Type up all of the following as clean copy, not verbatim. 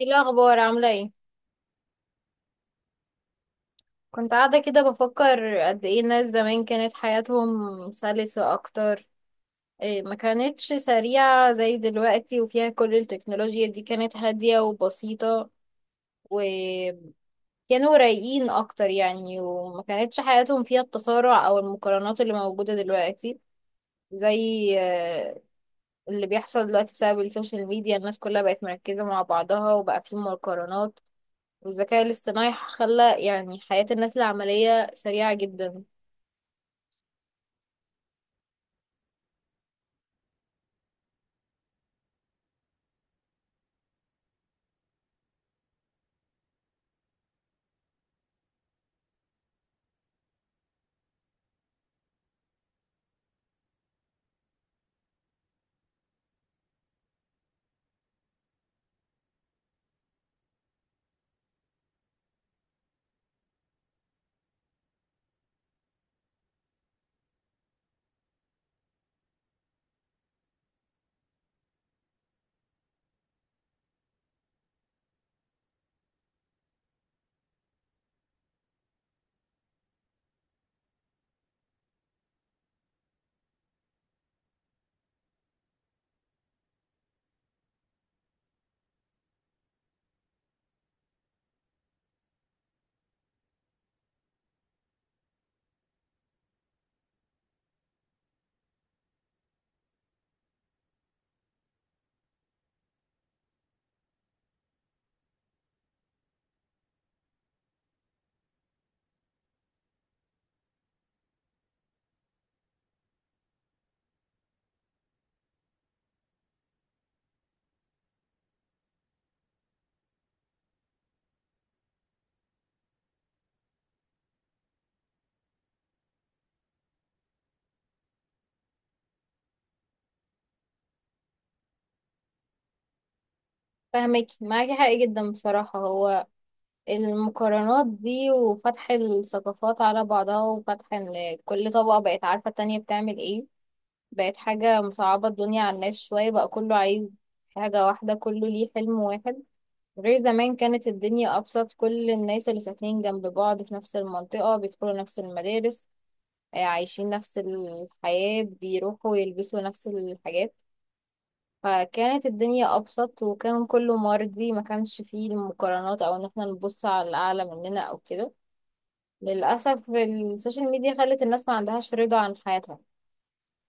ايه الاخبار؟ عامله ايه؟ كنت قاعده كده بفكر قد ايه الناس زمان كانت حياتهم سلسه اكتر. إيه، ما كانتش سريعه زي دلوقتي وفيها كل التكنولوجيا دي، كانت هاديه وبسيطه وكانوا رايقين اكتر يعني، وما كانتش حياتهم فيها التسارع او المقارنات اللي موجوده دلوقتي. زي اللي بيحصل دلوقتي بسبب السوشيال ميديا، الناس كلها بقت مركزه مع بعضها وبقى في مقارنات، والذكاء الاصطناعي خلى يعني حياة الناس العملية سريعة جدا. فاهمك، معاكي حق جدا بصراحة. هو المقارنات دي وفتح الثقافات على بعضها وفتح ان كل طبقة بقت عارفة التانية بتعمل ايه، بقت حاجة مصعبة الدنيا على الناس شوية. بقى كله عايز حاجة واحدة، كله ليه حلم واحد. غير زمان كانت الدنيا أبسط، كل الناس اللي ساكنين جنب بعض في نفس المنطقة بيدخلوا نفس المدارس، عايشين نفس الحياة، بيروحوا يلبسوا نفس الحاجات. فكانت الدنيا أبسط وكان كله مرضي، ما كانش فيه المقارنات أو إن احنا نبص على الأعلى مننا أو كده. للأسف السوشيال ميديا خلت الناس ما عندهاش رضا عن حياتها.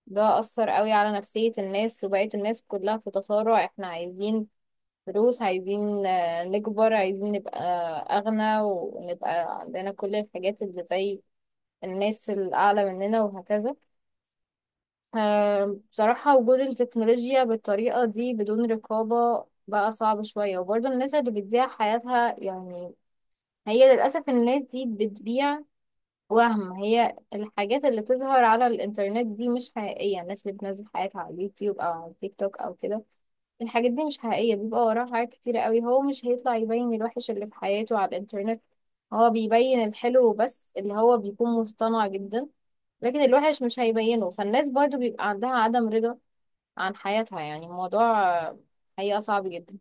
ده أثر قوي على نفسية الناس وبقيت الناس كلها في تصارع. احنا عايزين فلوس، عايزين نكبر، عايزين نبقى أغنى ونبقى عندنا كل الحاجات اللي زي الناس الأعلى مننا وهكذا. بصراحة وجود التكنولوجيا بالطريقة دي بدون رقابة بقى صعب شوية. وبرضه الناس اللي بتضيع حياتها يعني، هي للأسف الناس دي بتبيع وهم. هي الحاجات اللي بتظهر على الإنترنت دي مش حقيقية، الناس اللي بتنزل حياتها على اليوتيوب أو على التيك توك أو كده، الحاجات دي مش حقيقية. بيبقى وراها حاجات كتيرة قوي، هو مش هيطلع يبين الوحش اللي في حياته على الإنترنت، هو بيبين الحلو بس اللي هو بيكون مصطنع جدا. لكن الوحش مش هيبينه، فالناس برضو بيبقى عندها عدم رضا عن حياتها. يعني الموضوع حقيقة صعب جدا.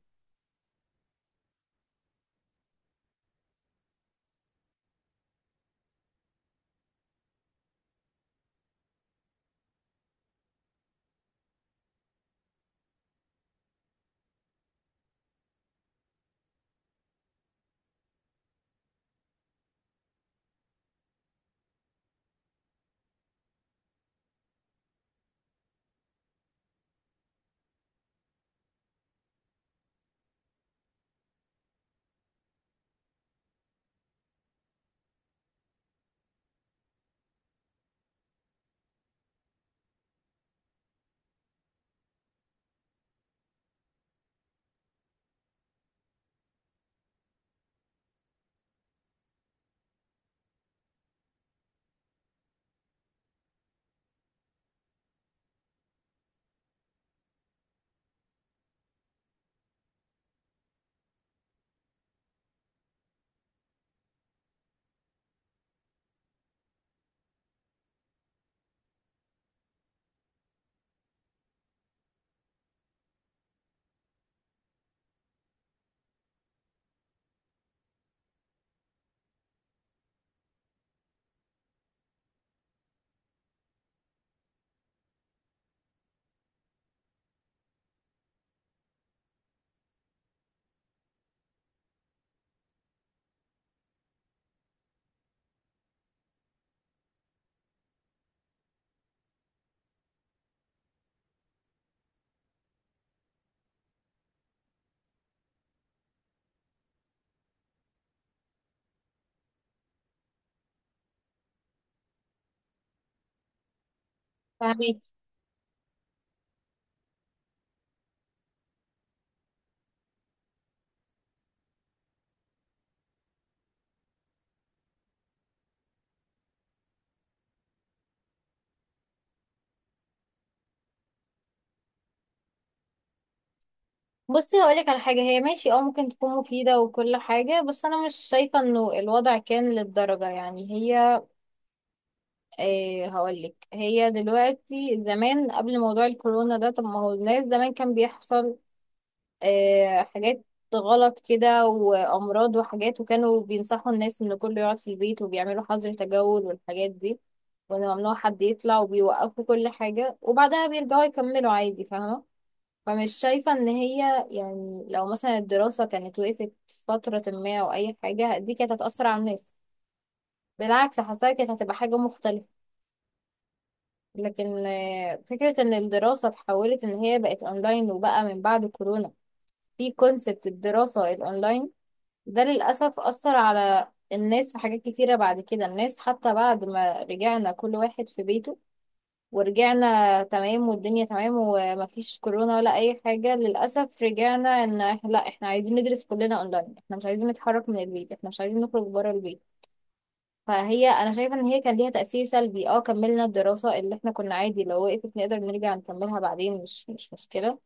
فاهمين. بصي هقولك على حاجة، هي ماشي اه ممكن تكون مفيدة وكل حاجة، بس أنا مش شايفة إنه الوضع كان للدرجة يعني. هي إيه هقولك، هي دلوقتي زمان قبل موضوع الكورونا ده، طب ما هو الناس زمان كان بيحصل إيه؟ حاجات غلط كده وأمراض وحاجات، وكانوا بينصحوا الناس إن كله يقعد في البيت وبيعملوا حظر تجول والحاجات دي، وإن ممنوع حد يطلع، وبيوقفوا كل حاجة وبعدها بيرجعوا يكملوا عادي. فاهمة؟ فمش شايفة ان هي يعني لو مثلا الدراسة كانت وقفت فترة ما او اي حاجة، دي كانت هتأثر على الناس. بالعكس حاساها كانت هتبقى حاجة مختلفة. لكن فكرة ان الدراسة اتحولت ان هي بقت اونلاين وبقى من بعد كورونا في كونسبت الدراسة الاونلاين، ده للأسف أثر على الناس في حاجات كتيرة. بعد كده الناس، حتى بعد ما رجعنا كل واحد في بيته ورجعنا تمام والدنيا تمام ومفيش كورونا ولا اي حاجة، للأسف رجعنا ان لا احنا عايزين ندرس كلنا اونلاين، احنا مش عايزين نتحرك من البيت، احنا مش عايزين نخرج بره البيت. فهي انا شايفة ان هي كان ليها تأثير سلبي. اه كملنا الدراسة، اللي احنا كنا عادي لو وقفت نقدر نرجع نكملها بعدين، مش مشكلة.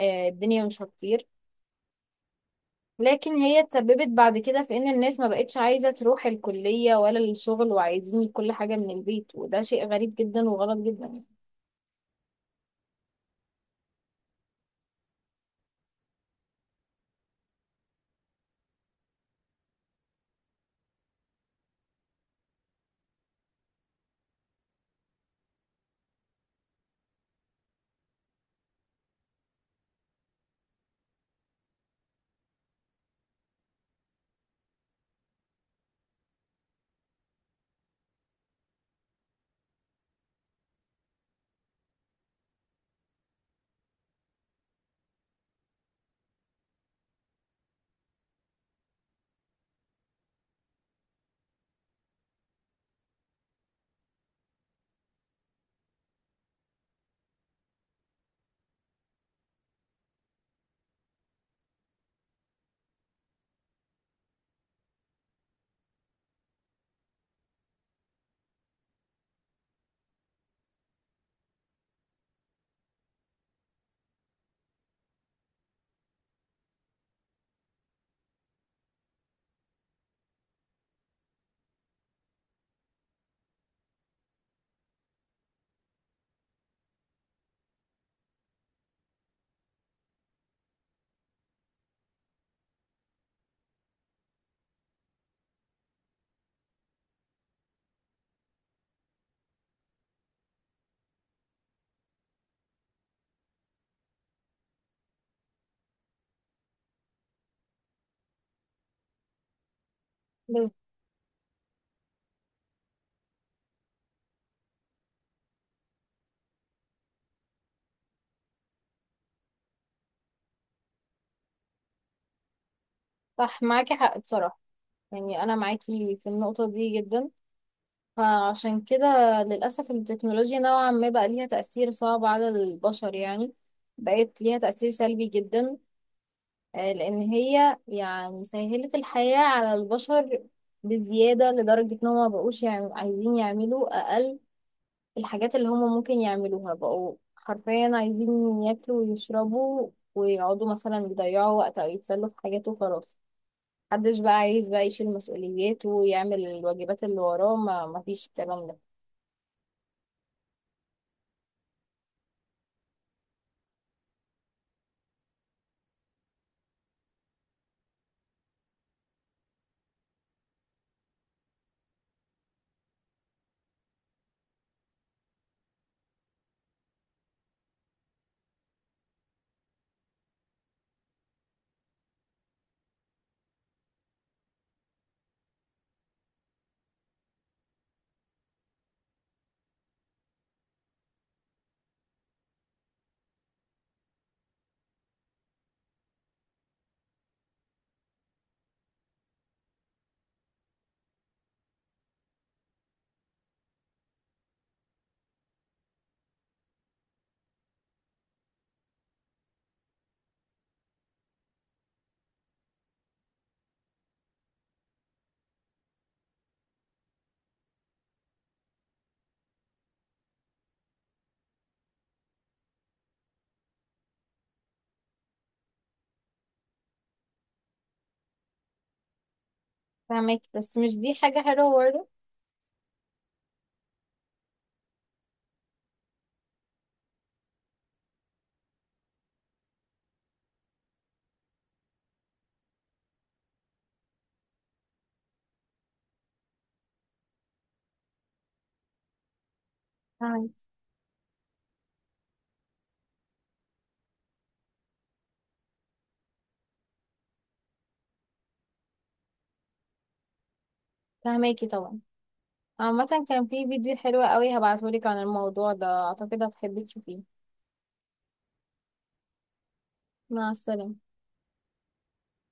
آه الدنيا مش هتطير. لكن هي اتسببت بعد كده في ان الناس ما بقتش عايزة تروح الكلية ولا الشغل، وعايزين كل حاجة من البيت، وده شيء غريب جدا وغلط جدا يعني. بس صح، معاكي حق بصراحة. يعني انا معاكي في النقطة دي جدا. فعشان كده للأسف التكنولوجيا نوعا ما بقى ليها تأثير صعب على البشر يعني، بقت ليها تأثير سلبي جدا. لأن هي يعني سهلت الحياة على البشر بزيادة، لدرجة إن هما مبقوش عايزين يعملوا أقل الحاجات اللي هما ممكن يعملوها. بقوا حرفيا عايزين ياكلوا ويشربوا ويقعدوا مثلا يضيعوا وقت أو يتسلوا في حاجات وخلاص. محدش بقى عايز بقى يشيل مسؤوليات ويعمل الواجبات اللي وراه، ما مفيش الكلام ده. فهماكي، بس مش دي حاجة حلوة برضه. فاهمك. فهماكي طبعا. عامة كان في فيديو حلو قوي هبعتهولك عن الموضوع ده، اعتقد هتحبي تشوفيه. مع السلامة.